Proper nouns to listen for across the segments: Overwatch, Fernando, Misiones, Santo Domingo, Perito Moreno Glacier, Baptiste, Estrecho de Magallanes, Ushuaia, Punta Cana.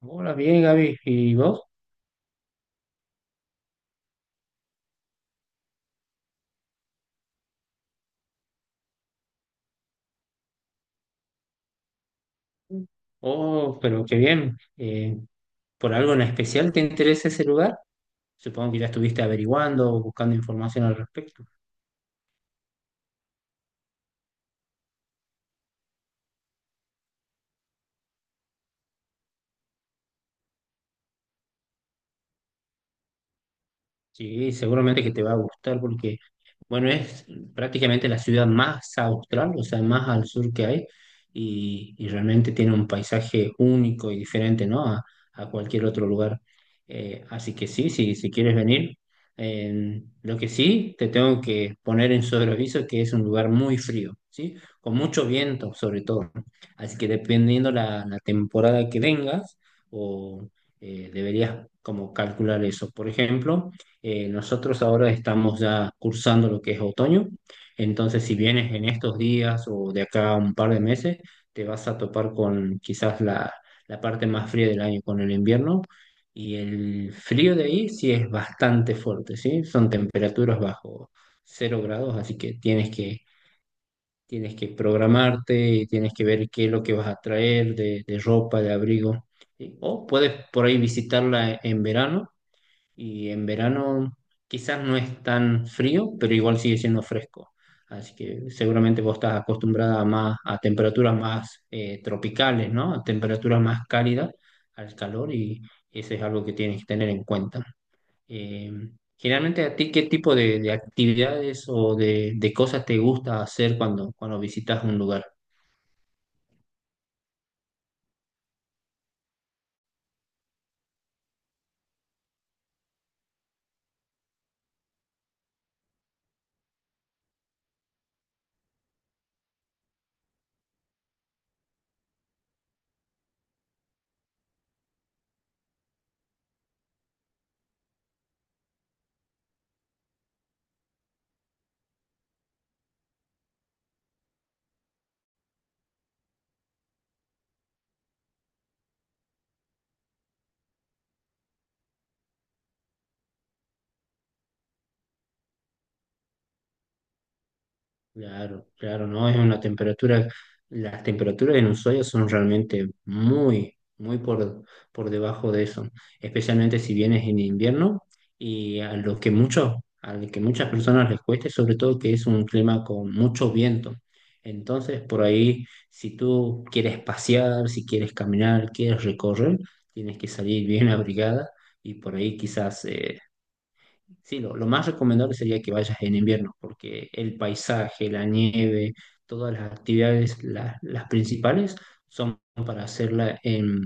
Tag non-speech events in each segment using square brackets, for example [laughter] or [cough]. Hola, bien, Gaby. ¿Y vos? Oh, pero qué bien. ¿Por algo en especial te interesa ese lugar? Supongo que ya estuviste averiguando o buscando información al respecto. Sí, seguramente que te va a gustar porque, bueno, es prácticamente la ciudad más austral, o sea, más al sur que hay, y realmente tiene un paisaje único y diferente, ¿no? A cualquier otro lugar. Así que sí, sí, si quieres venir, lo que sí, te tengo que poner en sobreaviso que es un lugar muy frío, ¿sí? Con mucho viento, sobre todo. Así que dependiendo la temporada que vengas, o deberías como calcular eso. Por ejemplo, nosotros ahora estamos ya cursando lo que es otoño, entonces si vienes en estos días o de acá a un par de meses, te vas a topar con quizás la parte más fría del año, con el invierno, y el frío de ahí sí es bastante fuerte, ¿sí? Son temperaturas bajo cero grados, así que tienes que programarte y tienes que ver qué es lo que vas a traer de ropa, de abrigo, ¿sí? O puedes por ahí visitarla en verano y en verano quizás no es tan frío, pero igual sigue siendo fresco. Así que seguramente vos estás acostumbrada a más a temperaturas más tropicales, ¿no? A temperaturas más cálidas al calor y eso es algo que tienes que tener en cuenta. Eh, generalmente a ti, ¿qué tipo de actividades o de cosas te gusta hacer cuando visitas un lugar? Claro, claro, no, es una temperatura, las temperaturas en Ushuaia son realmente muy, muy por debajo de eso, especialmente si vienes en invierno y a lo que muchas personas les cueste, sobre todo que es un clima con mucho viento. Entonces, por ahí, si tú quieres pasear, si quieres caminar, quieres recorrer, tienes que salir bien [laughs] abrigada y por ahí quizás sí, lo más recomendable sería que vayas en invierno, porque el paisaje, la nieve, todas las actividades, las principales, son para hacerla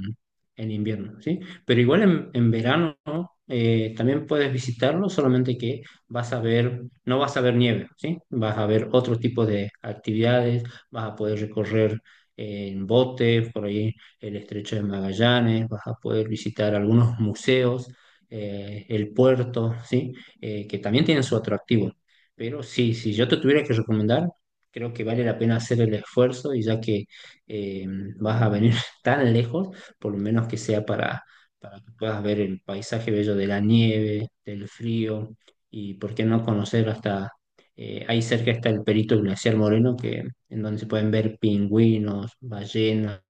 en invierno, ¿sí? Pero igual en verano, ¿no? También puedes visitarlo, solamente que vas a ver, no vas a ver nieve, ¿sí? Vas a ver otro tipo de actividades, vas a poder recorrer en bote, por ahí el Estrecho de Magallanes, vas a poder visitar algunos museos el puerto, ¿sí? Que también tienen su atractivo. Pero sí, si yo te tuviera que recomendar, creo que vale la pena hacer el esfuerzo y ya que eh, vas a venir [laughs] tan lejos, por lo menos que sea para que puedas ver el paisaje bello de la nieve, del frío y por qué no conocer hasta ahí cerca está el Perito Glaciar Moreno, que, en donde se pueden ver pingüinos, ballenas,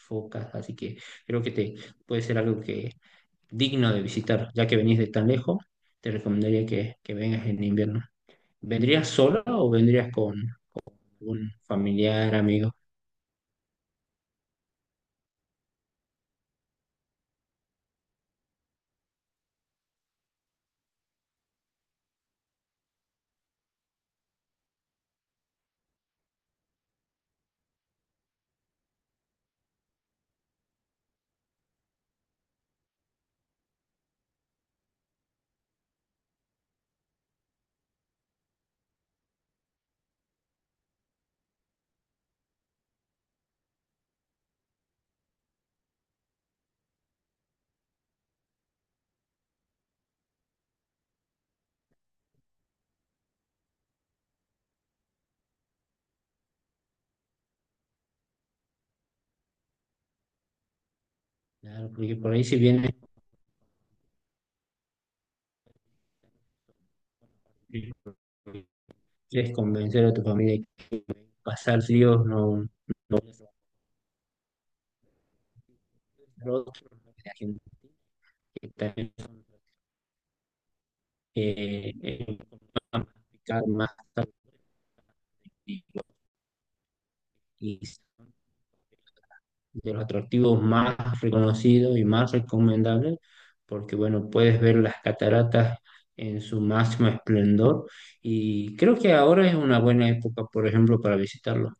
focas, así que creo que te, puede ser algo que digno de visitar, ya que venís de tan lejos te recomendaría que vengas en invierno. ¿Vendrías sola o vendrías con algún familiar, amigo? Claro, porque por ahí si vienes, quieres convencer a tu familia que pasar frío no, no no- la gente que también eh, eh, complicadas más tarde y de los atractivos más reconocidos y más recomendables, porque bueno, puedes ver las cataratas en su máximo esplendor y creo que ahora es una buena época, por ejemplo, para visitarlo,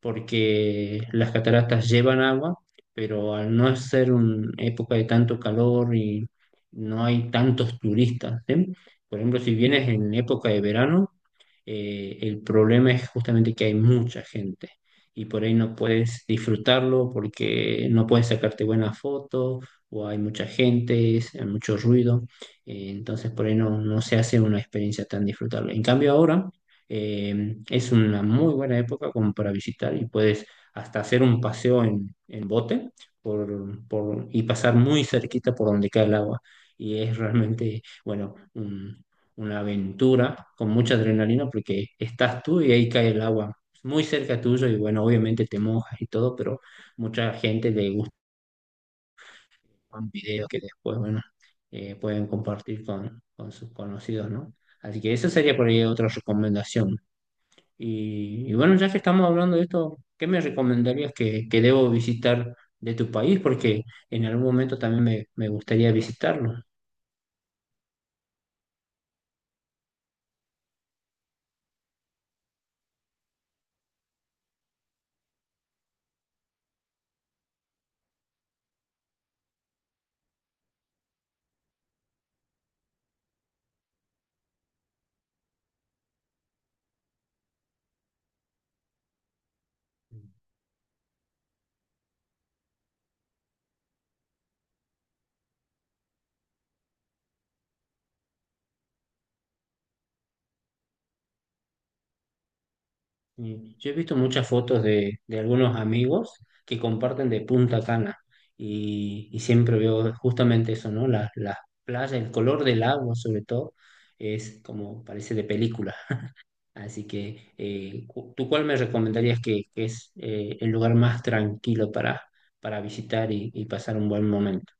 porque las cataratas llevan agua, pero al no ser una época de tanto calor y no hay tantos turistas, ¿sí? Por ejemplo, si vienes en época de verano, el problema es justamente que hay mucha gente y por ahí no puedes disfrutarlo porque no puedes sacarte buenas fotos o hay mucha gente, hay mucho ruido, entonces por ahí no, no se hace una experiencia tan disfrutable. En cambio ahora es una muy buena época como para visitar y puedes hasta hacer un paseo en bote y pasar muy cerquita por donde cae el agua. Y es realmente, bueno, una aventura con mucha adrenalina porque estás tú y ahí cae el agua muy cerca tuyo y bueno, obviamente te mojas y todo, pero mucha gente le gusta un video que después, bueno, pueden compartir con sus conocidos, ¿no? Así que esa sería por ahí otra recomendación. Y bueno, ya que estamos hablando de esto, ¿qué me recomendarías que debo visitar de tu país? Porque en algún momento también me gustaría visitarlo. Y yo he visto muchas fotos de algunos amigos que comparten de Punta Cana y siempre veo justamente eso, ¿no? La playa, el color del agua sobre todo, es como parece de película. Así que, ¿tú cuál me recomendarías que es el lugar más tranquilo para visitar y pasar un buen momento?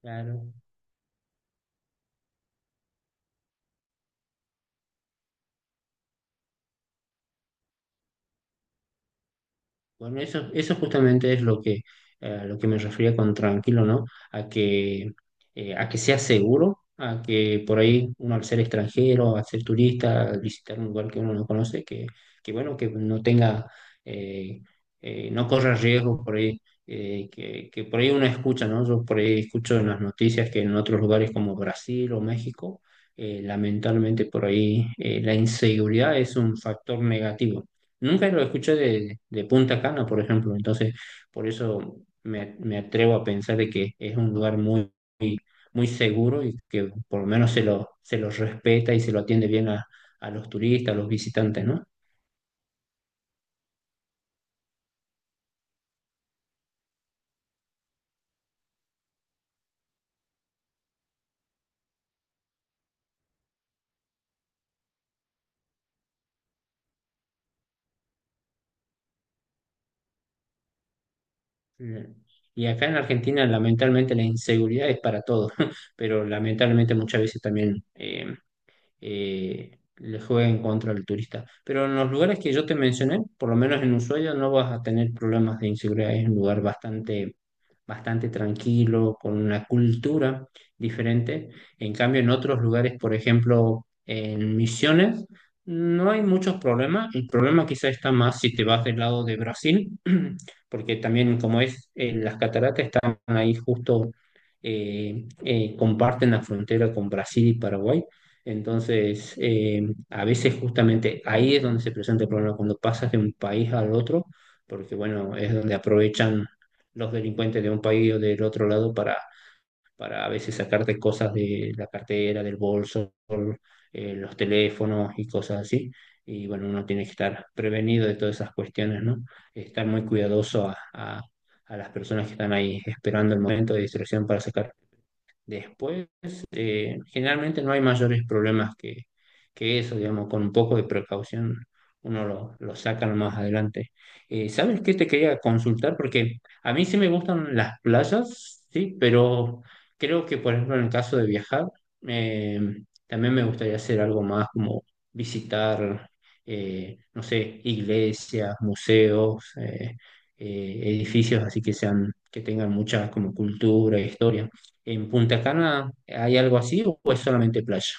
Claro. Bueno, eso justamente es lo que me refería con tranquilo, ¿no? A que, a que sea seguro, a que por ahí uno al ser extranjero, al ser turista, al visitar un lugar que uno no conoce, que bueno, que no tenga, eh, no corra riesgos por ahí, que por ahí uno escucha, ¿no? Yo por ahí escucho en las noticias que en otros lugares como Brasil o México, lamentablemente por ahí la inseguridad es un factor negativo. Nunca lo escuché de Punta Cana, por ejemplo, entonces por eso me atrevo a pensar de que es un lugar muy, muy, muy seguro y que por lo menos se lo respeta y se lo atiende bien a los turistas, a los visitantes, ¿no? Eh, y acá en Argentina, lamentablemente, la inseguridad es para todos, [laughs] pero lamentablemente muchas veces también le jueguen contra el turista. Pero en los lugares que yo te mencioné, por lo menos en Ushuaia, no vas a tener problemas de inseguridad. Es un lugar bastante, bastante tranquilo, con una cultura diferente. En cambio, en otros lugares, por ejemplo, en Misiones, no hay muchos problemas. El problema quizá está más si te vas del lado de Brasil, [clears throat] porque también como es, las cataratas están ahí justo, comparten la frontera con Brasil y Paraguay. Entonces, a veces justamente ahí es donde se presenta el problema, cuando pasas de un país al otro, porque bueno, es donde aprovechan los delincuentes de un país o del otro lado para a veces sacarte cosas de la cartera, del bolso, los teléfonos y cosas así. Y bueno, uno tiene que estar prevenido de todas esas cuestiones, ¿no? Estar muy cuidadoso a las personas que están ahí esperando el momento de distracción para sacar. Después, generalmente no hay mayores problemas que eso, digamos, con un poco de precaución uno lo saca más adelante. ¿Sabes qué te quería consultar? Porque a mí sí me gustan las playas, sí, pero creo que, por ejemplo, en el caso de viajar, eh, también me gustaría hacer algo más como visitar, no sé, iglesias, museos, edificios así que sean, que tengan mucha como cultura, historia. ¿En Punta Cana hay algo así o es solamente playa?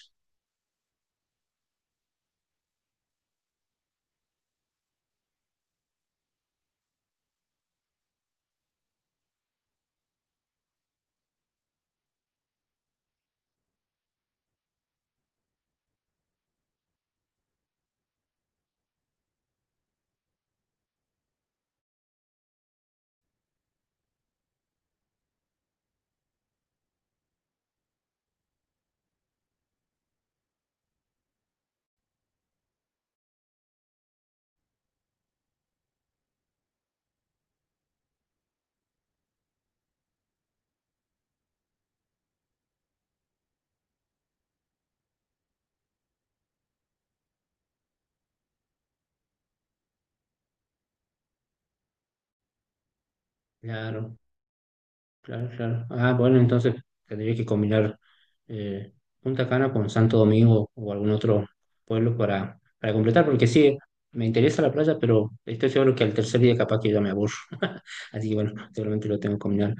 Claro, claro, claro. Ah, bueno, entonces tendría que combinar eh, Punta Cana con Santo Domingo o algún otro pueblo para completar, porque sí, me interesa la playa, pero estoy seguro que al tercer día capaz que ya me aburro. [laughs] Así que bueno, seguramente lo tengo que combinar.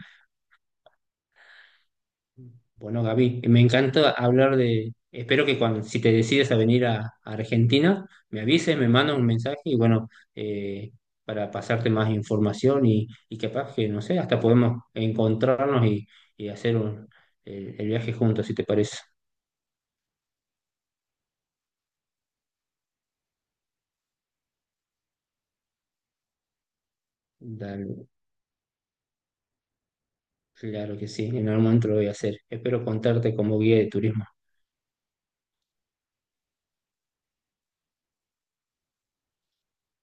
Bueno, Gaby, me encanta hablar de... Espero que cuando, si te decides a venir a Argentina, me avises, me mandas un mensaje y bueno, eh, para pasarte más información y capaz que, no sé, hasta podemos encontrarnos y hacer un- el viaje juntos, si te parece. Dale, claro que sí, en algún momento lo voy a hacer. Espero contarte como guía de turismo.